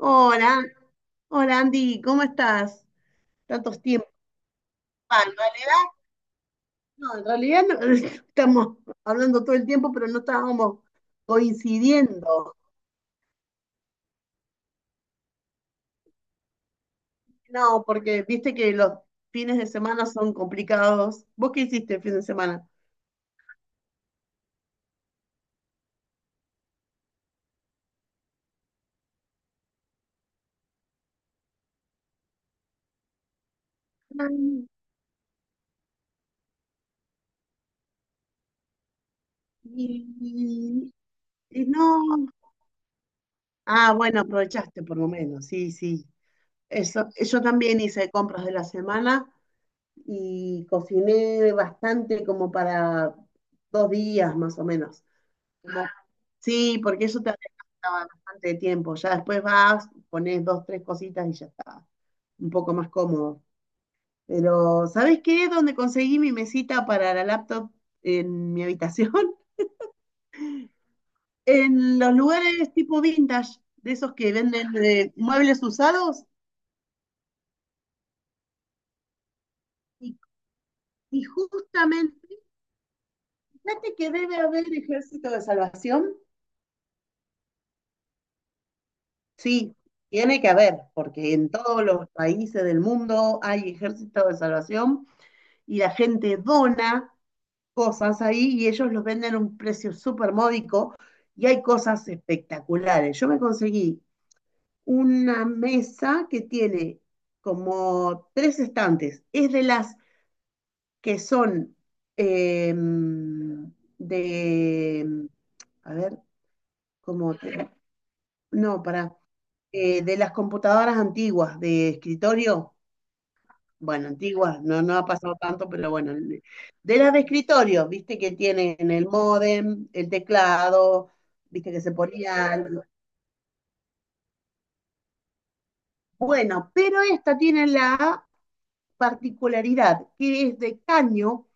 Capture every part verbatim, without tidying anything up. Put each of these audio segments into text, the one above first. Hola, hola Andy, ¿cómo estás? Tantos tiempos. Ah, en realidad, no, en realidad no, estamos hablando todo el tiempo, pero no estábamos coincidiendo. No, porque viste que los fines de semana son complicados. ¿Vos qué hiciste el fin de semana? Ay, y- y no. Ah, bueno, aprovechaste por lo menos, sí, sí. Eso, yo también hice compras de la semana y cociné bastante como para dos días más o menos. Sí, porque eso te gasta bastante tiempo. Ya después vas, pones dos, tres cositas y ya está. Un poco más cómodo. Pero, ¿sabes qué? Donde conseguí mi mesita para la laptop en mi habitación? En los lugares tipo vintage, de esos que venden eh, muebles usados. Y, y justamente, fíjate que debe haber ejército de salvación. Sí, tiene que haber, porque en todos los países del mundo hay ejército de salvación y la gente dona cosas ahí y ellos los venden a un precio súper módico y hay cosas espectaculares. Yo me conseguí una mesa que tiene como tres estantes. Es de las que son eh, de, a ver, ¿cómo? te- No, para, de las computadoras antiguas de escritorio. Bueno, antigua, no, no ha pasado tanto, pero bueno, el- de las de escritorio, viste que tienen el módem, el teclado, viste que se ponía, bueno, pero esta tiene la particularidad que es de caño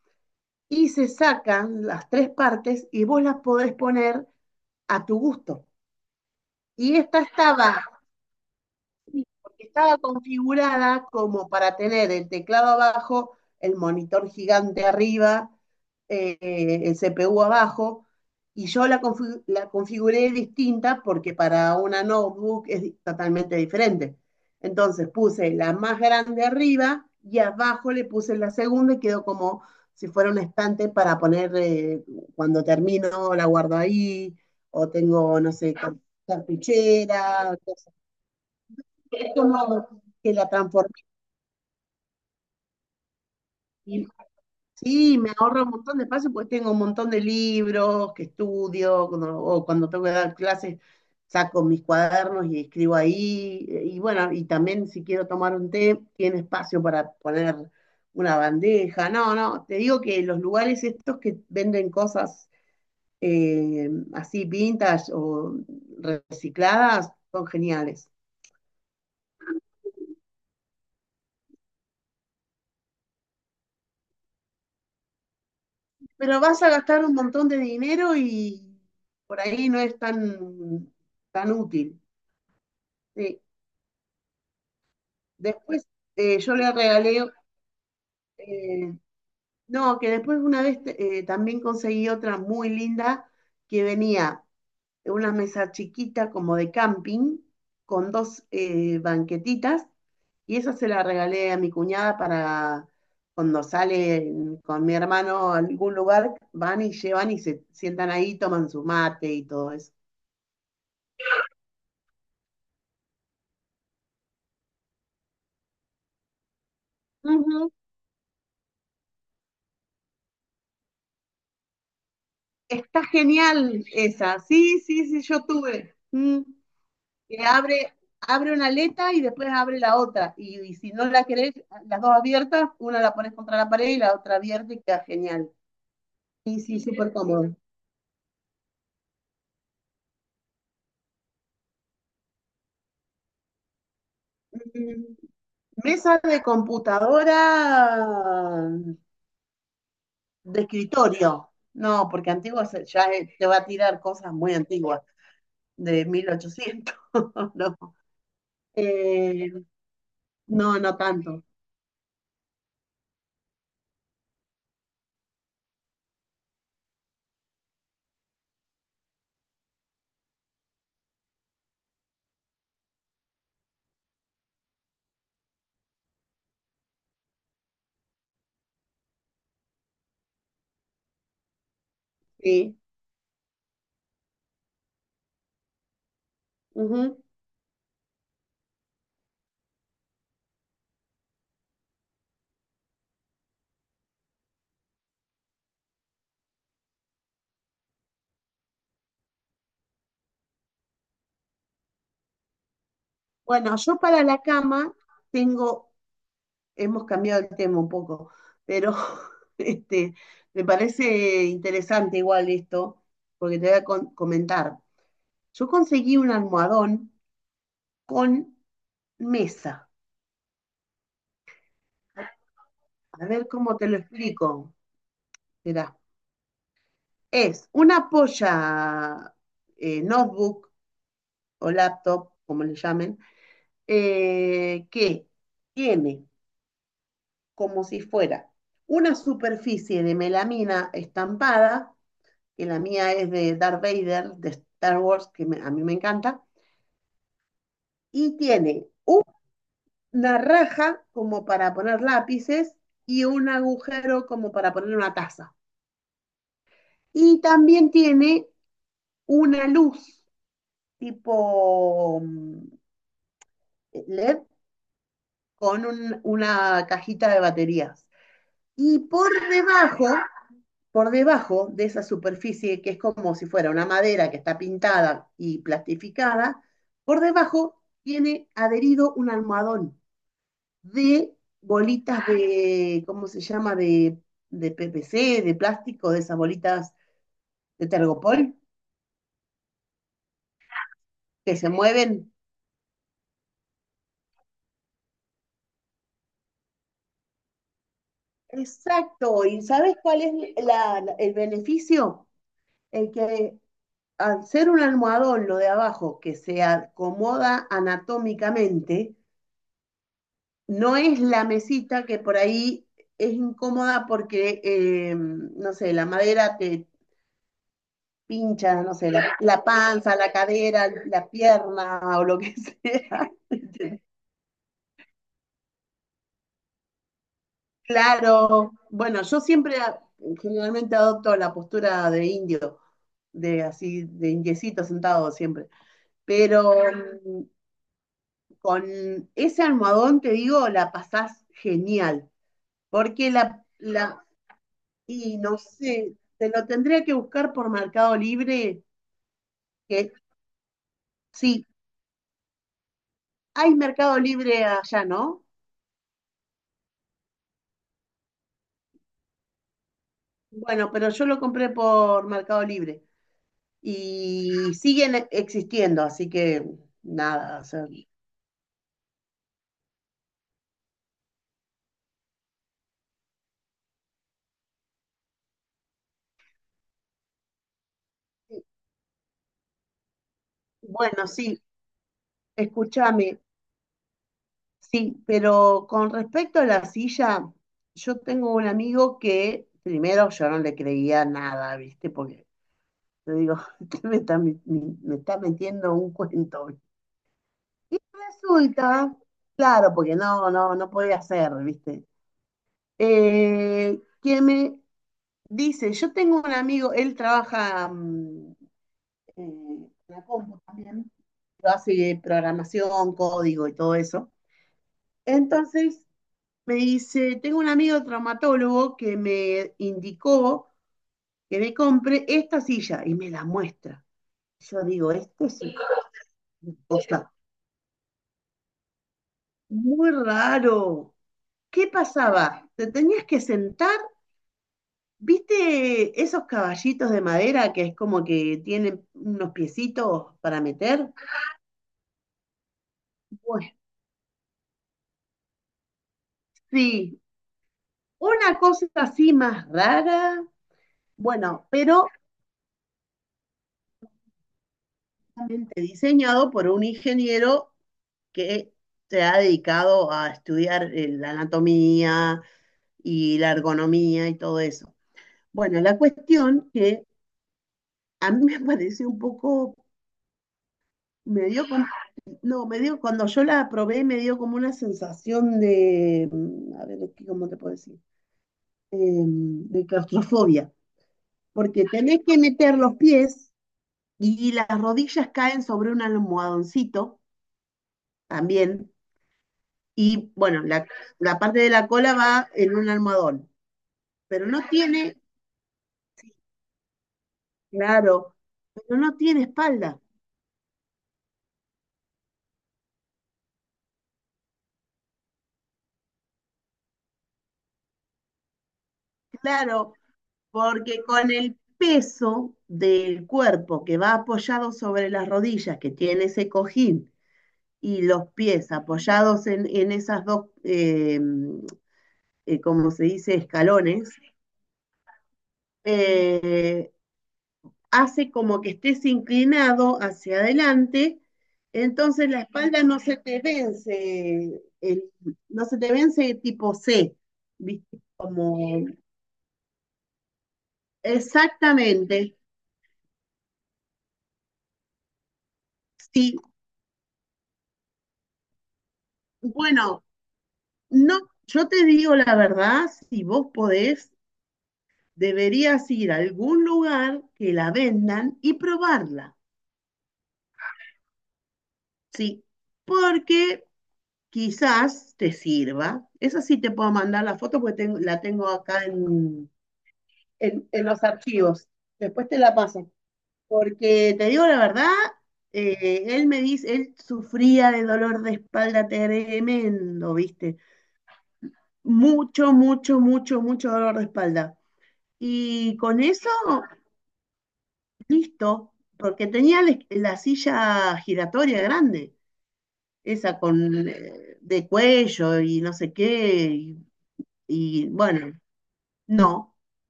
y se sacan las tres partes y vos las podés poner a tu gusto. Y esta estaba Sí, porque estaba configurada como para tener el teclado abajo, el monitor gigante arriba, eh, el C P U abajo, y yo la, confi- la configuré distinta porque para una notebook es di- totalmente diferente. Entonces puse la más grande arriba y abajo le puse la segunda y quedó como si fuera un estante para poner, eh, cuando termino, la guardo ahí, o tengo, no sé, car- cartuchera, es como que la transformé. Sí, me ahorra un montón de espacio porque tengo un montón de libros que estudio, cuando- o cuando tengo que dar clases, saco mis cuadernos y escribo ahí. Eh, Y bueno, y también si quiero tomar un té, tiene espacio para poner una bandeja. No, no, te digo que los lugares estos que venden cosas, eh, así vintage o recicladas son geniales. Pero vas a gastar un montón de dinero y por ahí no es tan, tan útil. Sí. Después, eh, yo le regalé, eh, no, que después una vez, eh, también conseguí otra muy linda que venía en una mesa chiquita como de camping con dos, eh, banquetitas, y esa se la regalé a mi cuñada para cuando sale con mi hermano a algún lugar, van y llevan y se sientan ahí, toman su mate y todo eso. Ujú. Está genial esa. Sí, sí, sí, yo tuve. Mm. Que abre, abre una aleta y después abre la otra. Y, y si no la querés las dos abiertas, una la pones contra la pared y la otra abierta y queda genial. Sí, sí, súper cómodo. Mm. Mesa de computadora de escritorio. No, porque antiguo se- ya, eh, te va a tirar cosas muy antiguas, de mil ochocientos. No. Eh, no, no tanto. Sí. Bueno, yo para la cama tengo, hemos cambiado el tema un poco, pero este, me parece interesante igual esto, porque te voy a con- comentar. Yo conseguí un almohadón con mesa. A ver cómo te lo explico. Mirá, es una polla, eh, notebook o laptop, como le llamen, eh, que tiene como si fuera una superficie de melamina estampada, que la mía es de Darth Vader, de Star Wars, que me- a mí me encanta, y tiene una raja como para poner lápices y un agujero como para poner una taza. Y también tiene una luz tipo, mm, L E D, con un- una cajita de baterías. Y por debajo por debajo de esa superficie, que es como si fuera una madera que está pintada y plastificada, por debajo tiene adherido un almohadón de bolitas de, ¿cómo se llama? De, de P P C, de plástico, de esas bolitas de tergopol que se mueven. Exacto, ¿y sabes cuál es la- la- el beneficio? El que, al ser un almohadón lo de abajo, que se acomoda anatómicamente, no es la mesita que por ahí es incómoda porque, eh, no sé, la madera te pincha, no sé, la, la panza, la cadera, la pierna o lo que sea. Claro, bueno, yo siempre a- generalmente adopto la postura de indio, de así, de indiecito sentado siempre, pero, mm, con ese almohadón, te digo, la pasás genial, porque la, la Y no sé, te lo tendría que buscar por Mercado Libre, que sí, hay Mercado Libre allá, ¿no? Bueno, pero yo lo compré por Mercado Libre y siguen e- existiendo, así que nada, o sea, bueno, sí, escúchame, sí, pero con respecto a la silla, yo tengo un amigo que primero yo no le creía nada, ¿viste? Porque yo digo, usted me está, mi- mi- me está metiendo un cuento. Y resulta, claro, porque no, no, no podía ser, ¿viste? Eh, que me dice, yo tengo un amigo, él trabaja, mm, eh, en la compu también, pero hace programación, código y todo eso. Entonces me dice, tengo un amigo traumatólogo que me indicó que me compre esta silla, y me la muestra. Yo digo, esto es una cosa muy raro. ¿Qué pasaba? ¿Te tenías que sentar? ¿Viste esos caballitos de madera que es como que tienen unos piecitos para meter? Pues sí, una cosa así más rara, bueno, pero realmente diseñado por un ingeniero que se ha dedicado a estudiar, eh, la anatomía y la ergonomía y todo eso. Bueno, la cuestión que a mí me pareció un poco, me dio No, me dio, cuando yo la probé me dio como una sensación de, mm, a ver, ¿qué- ¿cómo te puedo decir? Em, de claustrofobia, porque tenés que meter los pies, y las rodillas caen sobre un almohadoncito también, y bueno, la, la parte de la cola va en un almohadón, pero no tiene, claro, pero no tiene espalda, claro, porque con el peso del cuerpo, que va apoyado sobre las rodillas, que tiene ese cojín, y los pies apoyados en, en esas dos, eh, eh, como se dice, escalones, eh, hace como que estés inclinado hacia adelante, entonces la espalda no se te vence, el, no se te vence tipo C, ¿viste? Como exactamente, sí, bueno, no, yo te digo la verdad, si vos podés, deberías ir a algún lugar que la vendan y probarla. Sí, porque quizás te sirva. Esa sí te puedo mandar la foto, porque tengo- la tengo acá en, en- en los archivos. Después te la paso. Porque te digo la verdad, eh, él me dice, él sufría de dolor de espalda tremendo, ¿viste? Mucho, mucho, mucho, mucho dolor de espalda. Y con eso, listo, porque tenía la la silla giratoria grande. Esa con, eh, de cuello y no sé qué, y, y, bueno, no,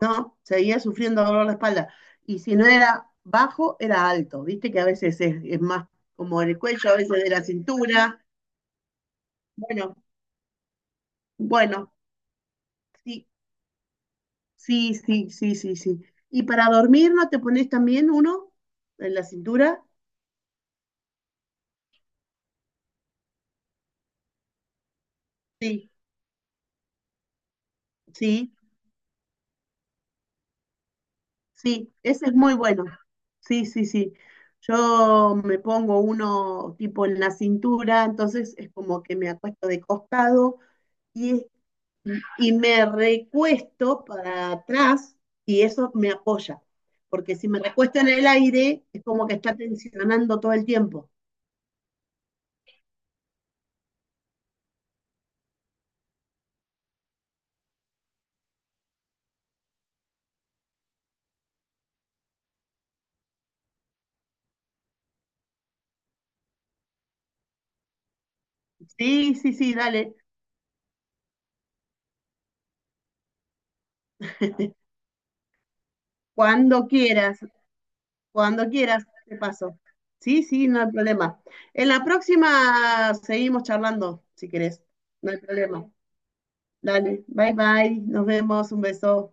no, seguía sufriendo dolor de espalda. Y si no era bajo, era alto, viste que a veces es, es más como el cuello, a veces de la cintura. Bueno, bueno, sí, sí, sí, sí, sí, sí. ¿Y para dormir no te pones también uno en la cintura? Sí, sí. Sí, ese es muy bueno. Sí, sí, sí. Yo me pongo uno tipo en la cintura, entonces es como que me acuesto de costado y, y me recuesto para atrás, y eso me apoya. Porque si me recuesto en el aire, es como que está tensionando todo el tiempo. Sí, sí, sí, dale. Cuando quieras, cuando quieras, te paso. Sí, sí, no hay problema. En la próxima seguimos charlando, si querés. No hay problema. Dale, bye bye, nos vemos, un beso.